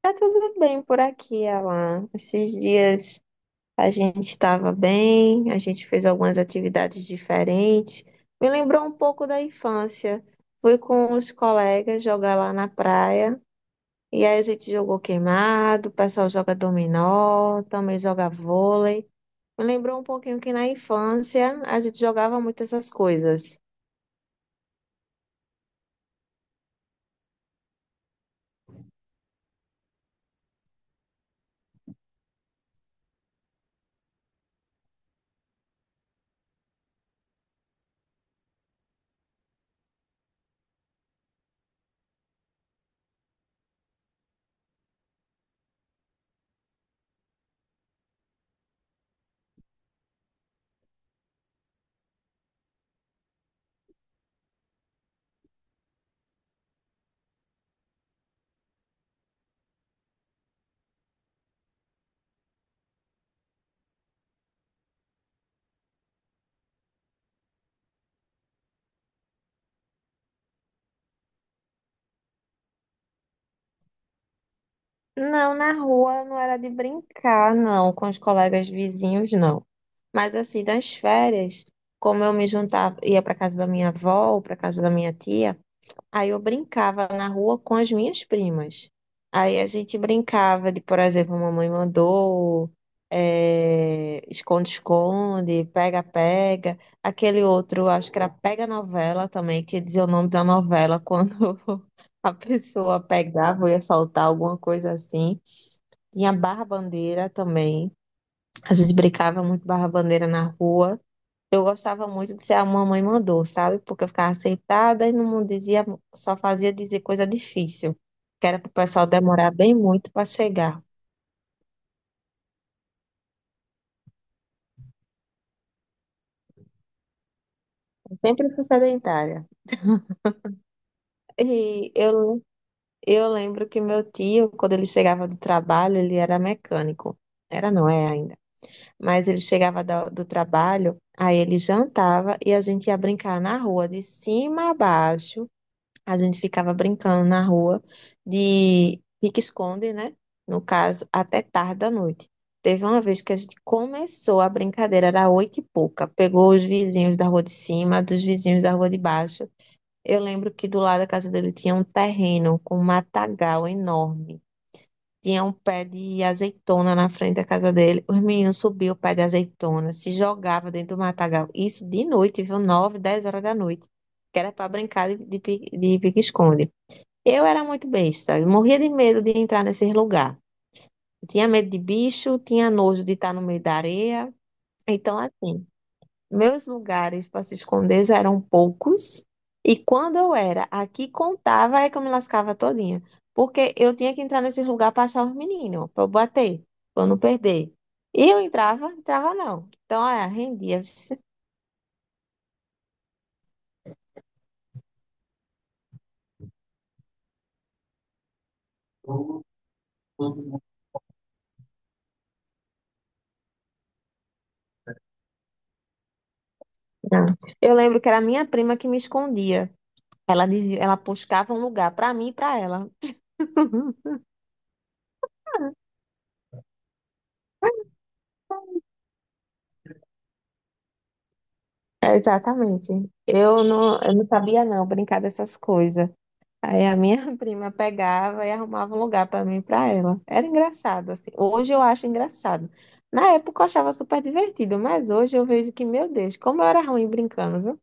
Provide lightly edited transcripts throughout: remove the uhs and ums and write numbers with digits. Tá tudo bem por aqui, Alan. Esses dias a gente estava bem, a gente fez algumas atividades diferentes. Me lembrou um pouco da infância. Fui com os colegas jogar lá na praia. E aí a gente jogou queimado, o pessoal joga dominó, também joga vôlei. Me lembrou um pouquinho que na infância a gente jogava muito essas coisas. Não, na rua não era de brincar, não, com os colegas vizinhos, não. Mas assim, das férias, como eu me juntava, ia para casa da minha avó ou para casa da minha tia, aí eu brincava na rua com as minhas primas. Aí a gente brincava de, por exemplo, mamãe mandou, esconde-esconde, pega-pega. Aquele outro, acho que era pega-novela também, que dizia o nome da novela quando a pessoa pegava ou ia soltar alguma coisa assim. Tinha barra-bandeira também. A gente brincava muito barra-bandeira na rua. Eu gostava muito de ser a mamãe mandou, sabe? Porque eu ficava sentada e não dizia, só fazia dizer coisa difícil, que era para o pessoal demorar bem muito para chegar. Eu sempre fui sedentária. E eu lembro que meu tio, quando ele chegava do trabalho, ele era mecânico. Era, não é ainda. Mas ele chegava do trabalho, aí ele jantava e a gente ia brincar na rua, de cima a baixo. A gente ficava brincando na rua de pique-esconde, né? No caso, até tarde da noite. Teve uma vez que a gente começou a brincadeira, era 8 e pouca. Pegou os vizinhos da rua de cima, dos vizinhos da rua de baixo. Eu lembro que do lado da casa dele tinha um terreno com um matagal enorme. Tinha um pé de azeitona na frente da casa dele. Os meninos subiam o pé de azeitona, se jogavam dentro do matagal. Isso de noite, viu? 9, 10 horas da noite. Que era para brincar de pique-esconde. Eu era muito besta, eu morria de medo de entrar nesses lugares. Tinha medo de bicho, tinha nojo de estar no meio da areia. Então, assim, meus lugares para se esconder já eram poucos. E quando eu era aqui contava, é que eu me lascava todinha. Porque eu tinha que entrar nesses lugares para achar os meninos, para eu bater, para eu não perder. E eu entrava, entrava não. Então, é, rendia. Vixe. Uhum. Não. Eu lembro que era a minha prima que me escondia. Ela dizia, ela buscava um lugar para mim e para ela. Exatamente. Eu não sabia não brincar dessas coisas. Aí a minha prima pegava e arrumava um lugar para mim e para ela. Era engraçado assim. Hoje eu acho engraçado. Na época eu achava super divertido, mas hoje eu vejo que, meu Deus, como eu era ruim brincando, viu?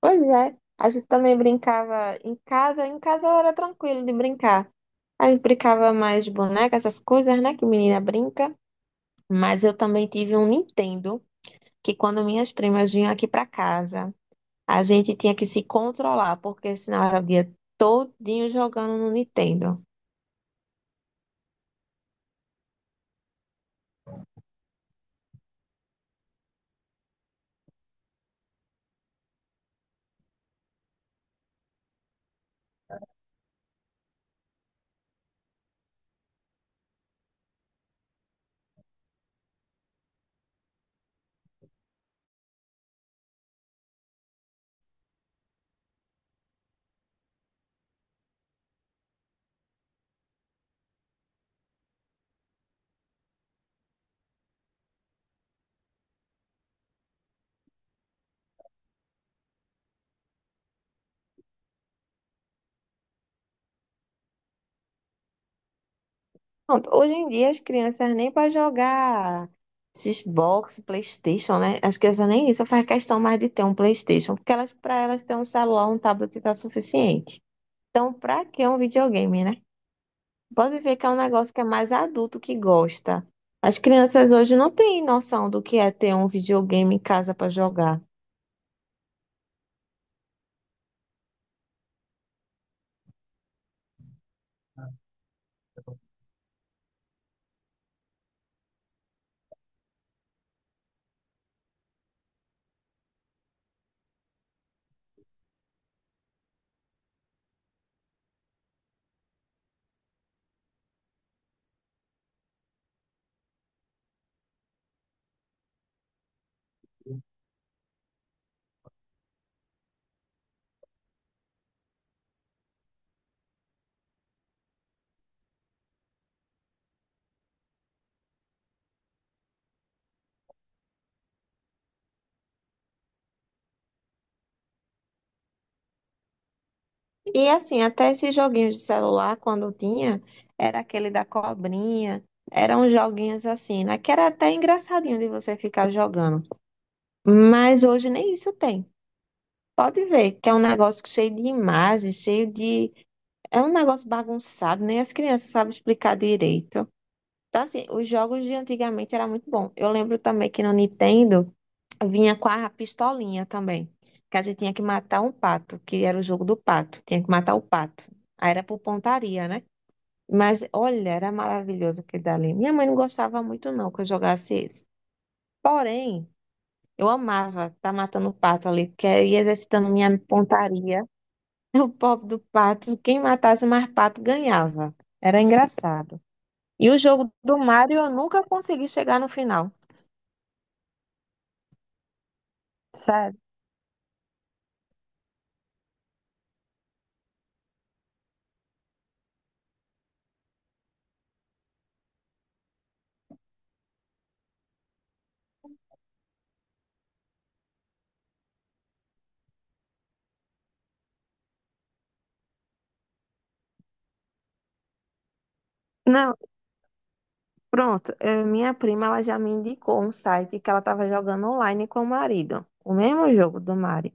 Pois é. A gente também brincava em casa. Em casa eu era tranquilo de brincar. Aí brincava mais de boneca, essas coisas, né, que menina brinca. Mas eu também tive um Nintendo que quando minhas primas vinham aqui para casa a gente tinha que se controlar, porque senão era o dia todinho jogando no Nintendo. Pronto, hoje em dia as crianças nem para jogar Xbox, PlayStation, né? As crianças nem isso faz questão mais de ter um PlayStation, porque elas para elas ter um celular, um tablet tá suficiente. Então, para que um videogame, né? Pode ver que é um negócio que é mais adulto que gosta. As crianças hoje não têm noção do que é ter um videogame em casa para jogar. E assim, até esses joguinhos de celular, quando tinha, era aquele da cobrinha, eram joguinhos assim, né? Que era até engraçadinho de você ficar jogando. Mas hoje nem isso tem. Pode ver que é um negócio cheio de imagens, cheio de. É um negócio bagunçado, nem as crianças sabem explicar direito. Então, assim, os jogos de antigamente era muito bom. Eu lembro também que no Nintendo. Vinha com a pistolinha também. Que a gente tinha que matar um pato, que era o jogo do pato. Tinha que matar o pato. Aí era por pontaria, né? Mas olha, era maravilhoso aquele dali. Minha mãe não gostava muito, não, que eu jogasse esse. Porém, eu amava estar tá matando o pato ali, porque eu ia exercitando minha pontaria. O pobre do pato, quem matasse mais pato ganhava. Era engraçado. E o jogo do Mario eu nunca consegui chegar no final. Sério. Não, pronto, minha prima ela já me indicou um site que ela estava jogando online com o marido, o mesmo jogo do Mari.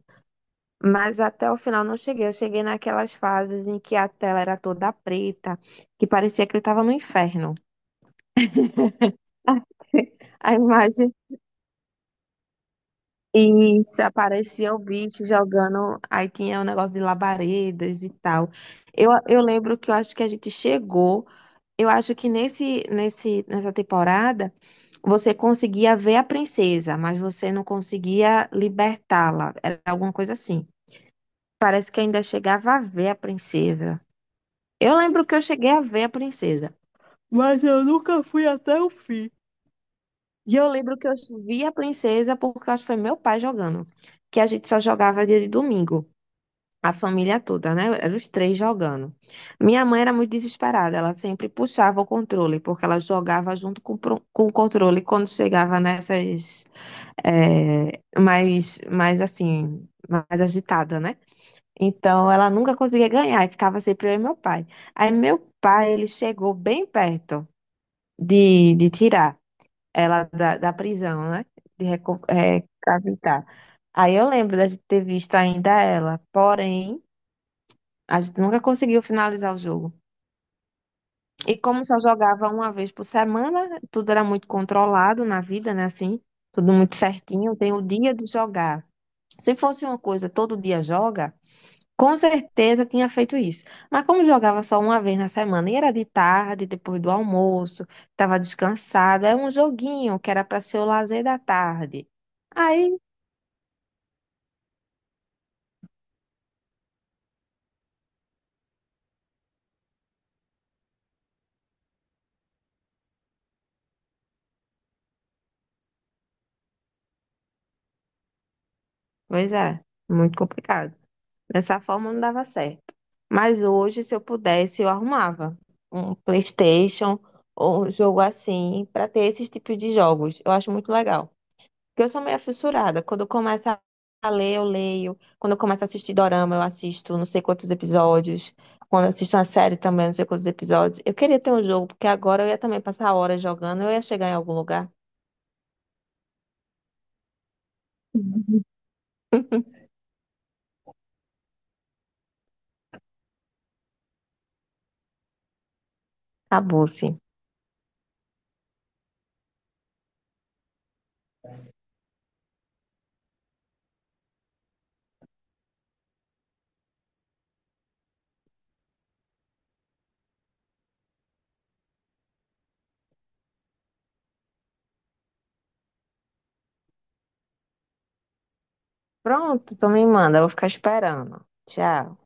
Mas até o final não cheguei. Eu cheguei naquelas fases em que a tela era toda preta, que parecia que ele estava no inferno. A imagem. Isso, aparecia o bicho jogando. Aí tinha o negócio de labaredas e tal. Eu lembro que eu acho que a gente chegou. Eu acho que nessa temporada você conseguia ver a princesa, mas você não conseguia libertá-la. Era alguma coisa assim. Parece que ainda chegava a ver a princesa. Eu lembro que eu cheguei a ver a princesa. E eu lembro que eu vi a princesa porque eu acho que foi meu pai jogando, que a gente só jogava dia de domingo. A família toda, né? Eram os três jogando. Minha mãe era muito desesperada, ela sempre puxava o controle, porque ela jogava junto com, com o controle quando chegava nessas. Mais assim, mais agitada, né? Então ela nunca conseguia ganhar, e ficava sempre eu e meu pai. Aí meu pai, ele chegou bem perto de tirar ela da prisão, né? De recapitar. Aí eu lembro da gente ter visto ainda ela, porém. A gente nunca conseguiu finalizar o jogo. E como só jogava uma vez por semana, tudo era muito controlado na vida, né? Assim, tudo muito certinho, tem o dia de jogar. Se fosse uma coisa todo dia joga, com certeza tinha feito isso. Mas como jogava só uma vez na semana, e era de tarde, depois do almoço, estava descansada, era um joguinho que era para ser o lazer da tarde. Aí, pois é, muito complicado. Dessa forma não dava certo. Mas hoje, se eu pudesse, eu arrumava um PlayStation ou um jogo assim para ter esses tipos de jogos. Eu acho muito legal. Porque eu sou meio fissurada. Quando eu começo a ler, eu leio. Quando eu começo a assistir dorama, eu assisto não sei quantos episódios. Quando eu assisto uma série também, não sei quantos episódios. Eu queria ter um jogo, porque agora eu ia também passar horas jogando, eu ia chegar em algum lugar. Acabou, sim. Pronto, então me manda, eu vou ficar esperando. Tchau.